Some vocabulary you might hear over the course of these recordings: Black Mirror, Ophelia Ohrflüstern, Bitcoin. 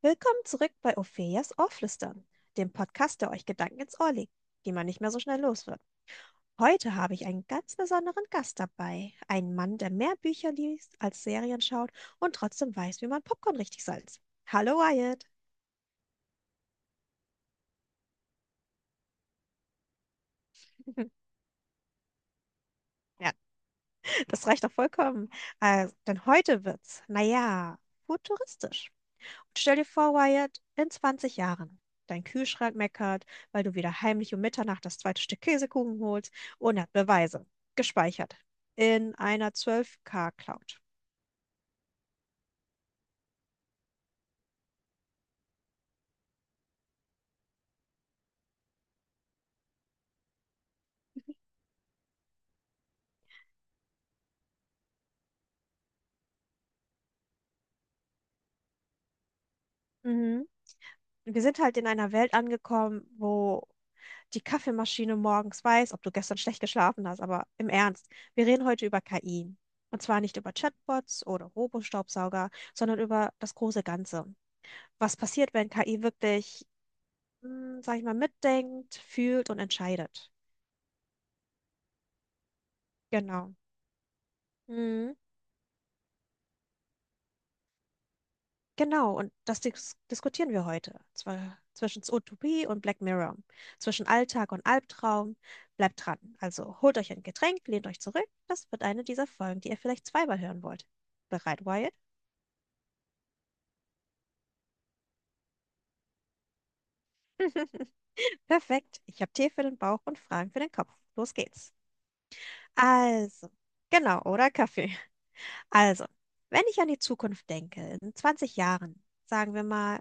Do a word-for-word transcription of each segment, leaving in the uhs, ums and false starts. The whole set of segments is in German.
Willkommen zurück bei Ophelias Ohrflüstern, dem Podcast, der euch Gedanken ins Ohr legt, die man nicht mehr so schnell los wird. Heute habe ich einen ganz besonderen Gast dabei. Einen Mann, der mehr Bücher liest als Serien schaut und trotzdem weiß, wie man Popcorn richtig salzt. Hallo Wyatt. Ja, das reicht doch vollkommen. Äh, denn heute wird's, naja, futuristisch. Stell dir vor, Wyatt, in zwanzig Jahren. Dein Kühlschrank meckert, weil du wieder heimlich um Mitternacht das zweite Stück Käsekuchen holst und hat Beweise. Gespeichert. In einer zwölf K-Cloud. Mhm. Wir sind halt in einer Welt angekommen, wo die Kaffeemaschine morgens weiß, ob du gestern schlecht geschlafen hast, aber im Ernst, wir reden heute über K I. Und zwar nicht über Chatbots oder Robostaubsauger, sondern über das große Ganze. Was passiert, wenn K I wirklich, hm, sag ich mal, mitdenkt, fühlt und entscheidet? Genau. Mhm. Genau, und das dis diskutieren wir heute. Zwar zwischen Utopie und Black Mirror, zwischen Alltag und Albtraum. Bleibt dran. Also holt euch ein Getränk, lehnt euch zurück. Das wird eine dieser Folgen, die ihr vielleicht zweimal hören wollt. Bereit, Wyatt? Perfekt. Ich habe Tee für den Bauch und Fragen für den Kopf. Los geht's. Also, genau, oder Kaffee? Also, wenn ich an die Zukunft denke, in zwanzig Jahren, sagen wir mal,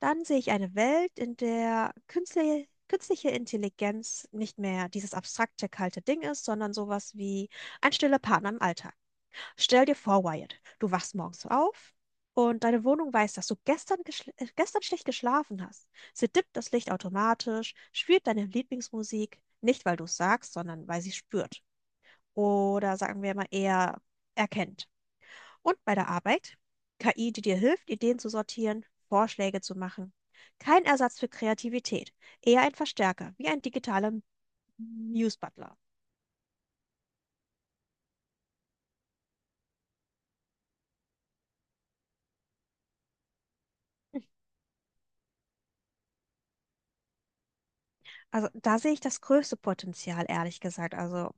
dann sehe ich eine Welt, in der künstliche, künstliche Intelligenz nicht mehr dieses abstrakte, kalte Ding ist, sondern sowas wie ein stiller Partner im Alltag. Stell dir vor, Wyatt, du wachst morgens auf und deine Wohnung weiß, dass du gestern, geschl- äh, gestern schlecht geschlafen hast. Sie dippt das Licht automatisch, spielt deine Lieblingsmusik, nicht weil du es sagst, sondern weil sie spürt. Oder sagen wir mal eher erkennt. Und bei der Arbeit? K I, die dir hilft, Ideen zu sortieren, Vorschläge zu machen. Kein Ersatz für Kreativität, eher ein Verstärker, wie ein digitaler Muse Butler. Also da sehe ich das größte Potenzial, ehrlich gesagt. Also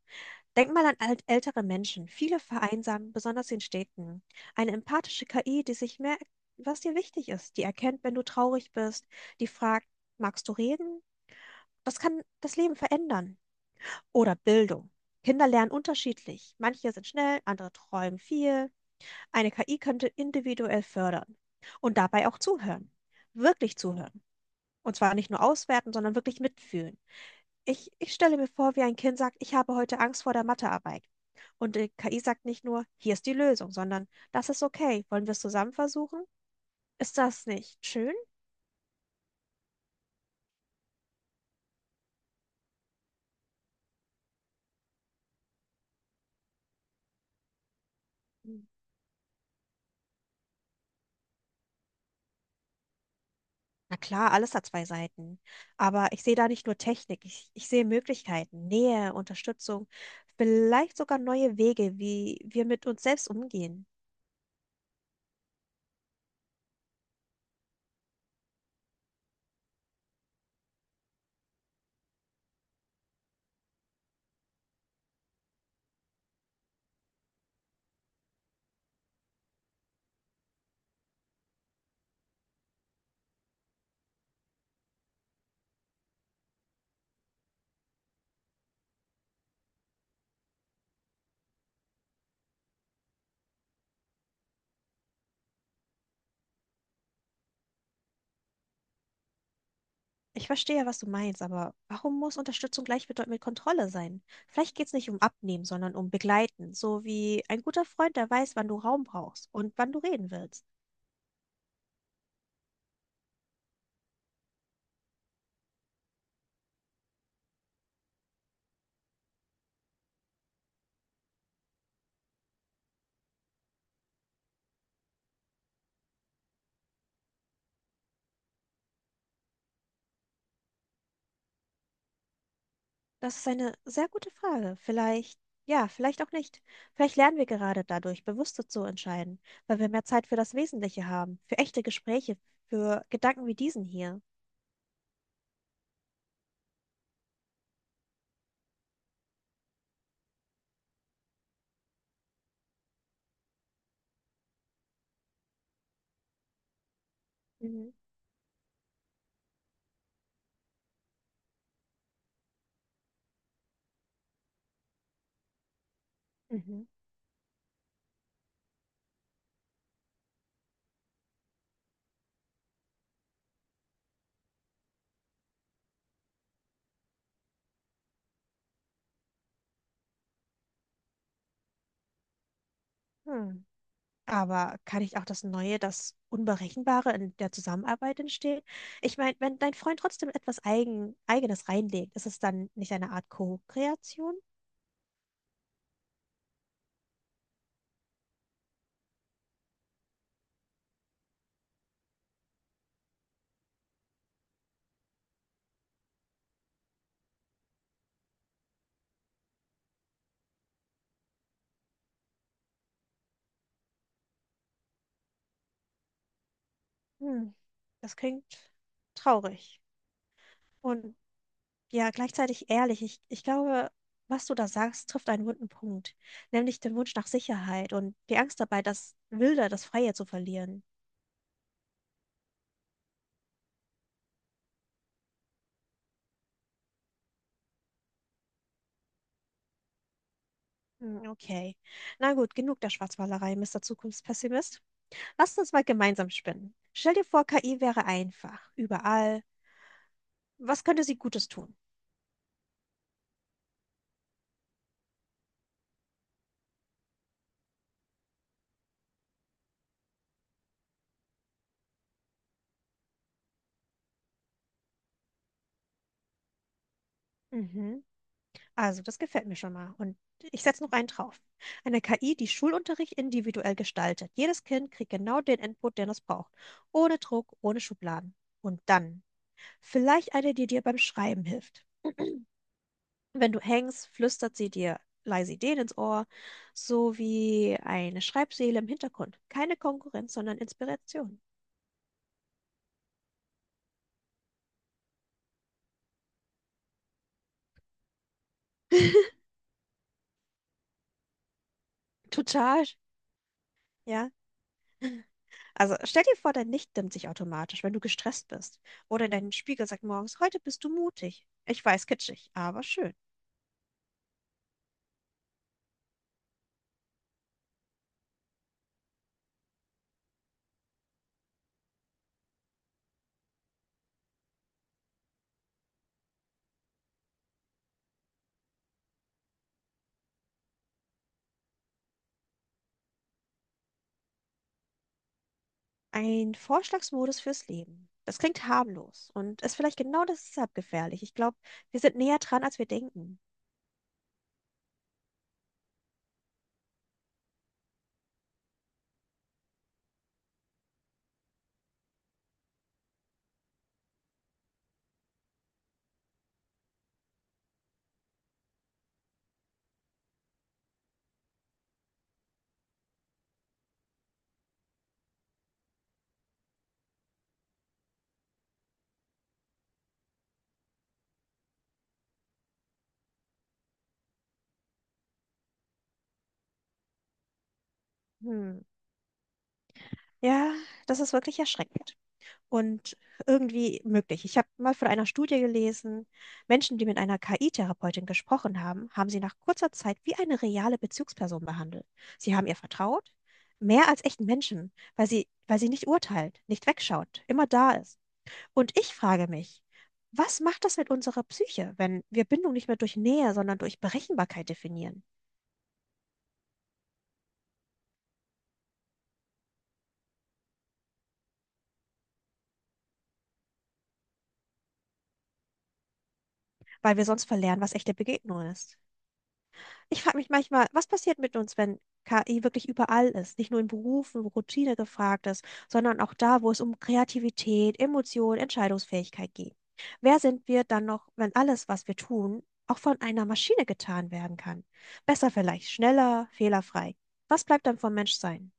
denk mal an alt ältere Menschen. Viele vereinsamen, besonders in Städten. Eine empathische K I, die sich merkt, was dir wichtig ist, die erkennt, wenn du traurig bist, die fragt, magst du reden? Das kann das Leben verändern. Oder Bildung. Kinder lernen unterschiedlich. Manche sind schnell, andere träumen viel. Eine K I könnte individuell fördern und dabei auch zuhören. Wirklich zuhören. Und zwar nicht nur auswerten, sondern wirklich mitfühlen. Ich, ich stelle mir vor, wie ein Kind sagt, ich habe heute Angst vor der Mathearbeit. Und die K I sagt nicht nur, hier ist die Lösung, sondern das ist okay. Wollen wir es zusammen versuchen? Ist das nicht schön? Na klar, alles hat zwei Seiten. Aber ich sehe da nicht nur Technik, ich, ich sehe Möglichkeiten, Nähe, Unterstützung, vielleicht sogar neue Wege, wie wir mit uns selbst umgehen. Ich verstehe, was du meinst, aber warum muss Unterstützung gleichbedeutend mit Kontrolle sein? Vielleicht geht es nicht um Abnehmen, sondern um Begleiten, so wie ein guter Freund, der weiß, wann du Raum brauchst und wann du reden willst. Das ist eine sehr gute Frage. Vielleicht, ja, vielleicht auch nicht. Vielleicht lernen wir gerade dadurch, bewusster zu entscheiden, weil wir mehr Zeit für das Wesentliche haben, für echte Gespräche, für Gedanken wie diesen hier. Mhm. Mhm. Hm. Aber kann ich auch das Neue, das Unberechenbare in der Zusammenarbeit entstehen? Ich meine, wenn dein Freund trotzdem etwas Eigen, Eigenes reinlegt, ist es dann nicht eine Art Co-Kreation? Hm, das klingt traurig. Und ja, gleichzeitig ehrlich. Ich, ich glaube, was du da sagst, trifft einen wunden Punkt, nämlich den Wunsch nach Sicherheit und die Angst dabei, das Wilde, das Freie zu verlieren. Hm, okay. Na gut, genug der Schwarzmalerei, Mister Zukunftspessimist. Lasst uns mal gemeinsam spinnen. Stell dir vor, K I wäre einfach, überall. Was könnte sie Gutes tun? Mhm. Also, das gefällt mir schon mal. Und ich setze noch einen drauf. Eine K I, die Schulunterricht individuell gestaltet. Jedes Kind kriegt genau den Input, den es braucht. Ohne Druck, ohne Schubladen. Und dann vielleicht eine, die dir beim Schreiben hilft. Wenn du hängst, flüstert sie dir leise Ideen ins Ohr, so wie eine Schreibseele im Hintergrund. Keine Konkurrenz, sondern Inspiration. Total, ja. Also stell dir vor, dein Licht dimmt sich automatisch, wenn du gestresst bist. Oder dein Spiegel sagt morgens, heute bist du mutig. Ich weiß, kitschig, aber schön. Ein Vorschlagsmodus fürs Leben. Das klingt harmlos und ist vielleicht genau deshalb gefährlich. Ich glaube, wir sind näher dran, als wir denken. Hm. Ja, das ist wirklich erschreckend. Und irgendwie möglich. Ich habe mal von einer Studie gelesen, Menschen, die mit einer K I-Therapeutin gesprochen haben, haben sie nach kurzer Zeit wie eine reale Bezugsperson behandelt. Sie haben ihr vertraut, mehr als echten Menschen, weil sie, weil sie nicht urteilt, nicht wegschaut, immer da ist. Und ich frage mich, was macht das mit unserer Psyche, wenn wir Bindung nicht mehr durch Nähe, sondern durch Berechenbarkeit definieren, weil wir sonst verlernen, was echte Begegnung ist? Ich frage mich manchmal, was passiert mit uns, wenn K I wirklich überall ist? Nicht nur in Berufen, wo Routine gefragt ist, sondern auch da, wo es um Kreativität, Emotion, Entscheidungsfähigkeit geht. Wer sind wir dann noch, wenn alles, was wir tun, auch von einer Maschine getan werden kann? Besser vielleicht, schneller, fehlerfrei. Was bleibt dann vom Menschsein?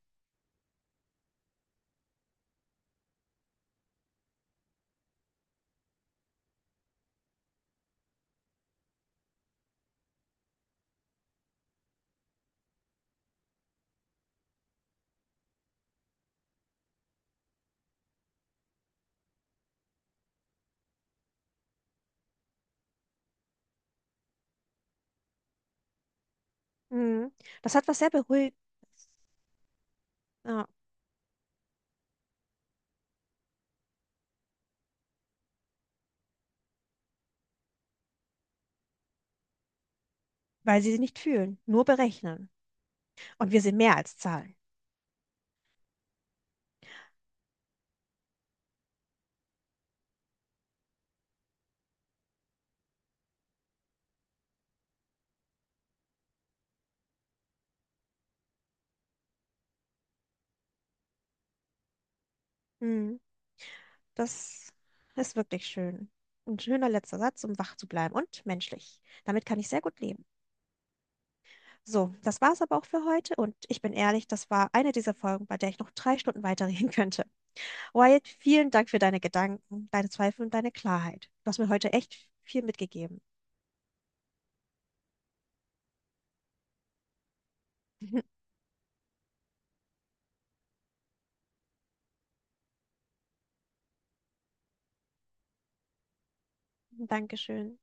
Hm, das hat was sehr beruhigend, ja, weil sie nicht fühlen, nur berechnen. Und wir sind mehr als Zahlen. Hm. Das ist wirklich schön. Ein schöner letzter Satz, um wach zu bleiben und menschlich. Damit kann ich sehr gut leben. So, das war's aber auch für heute und ich bin ehrlich, das war eine dieser Folgen, bei der ich noch drei Stunden weiterreden könnte. Wyatt, vielen Dank für deine Gedanken, deine Zweifel und deine Klarheit. Du hast mir heute echt viel mitgegeben. Dankeschön.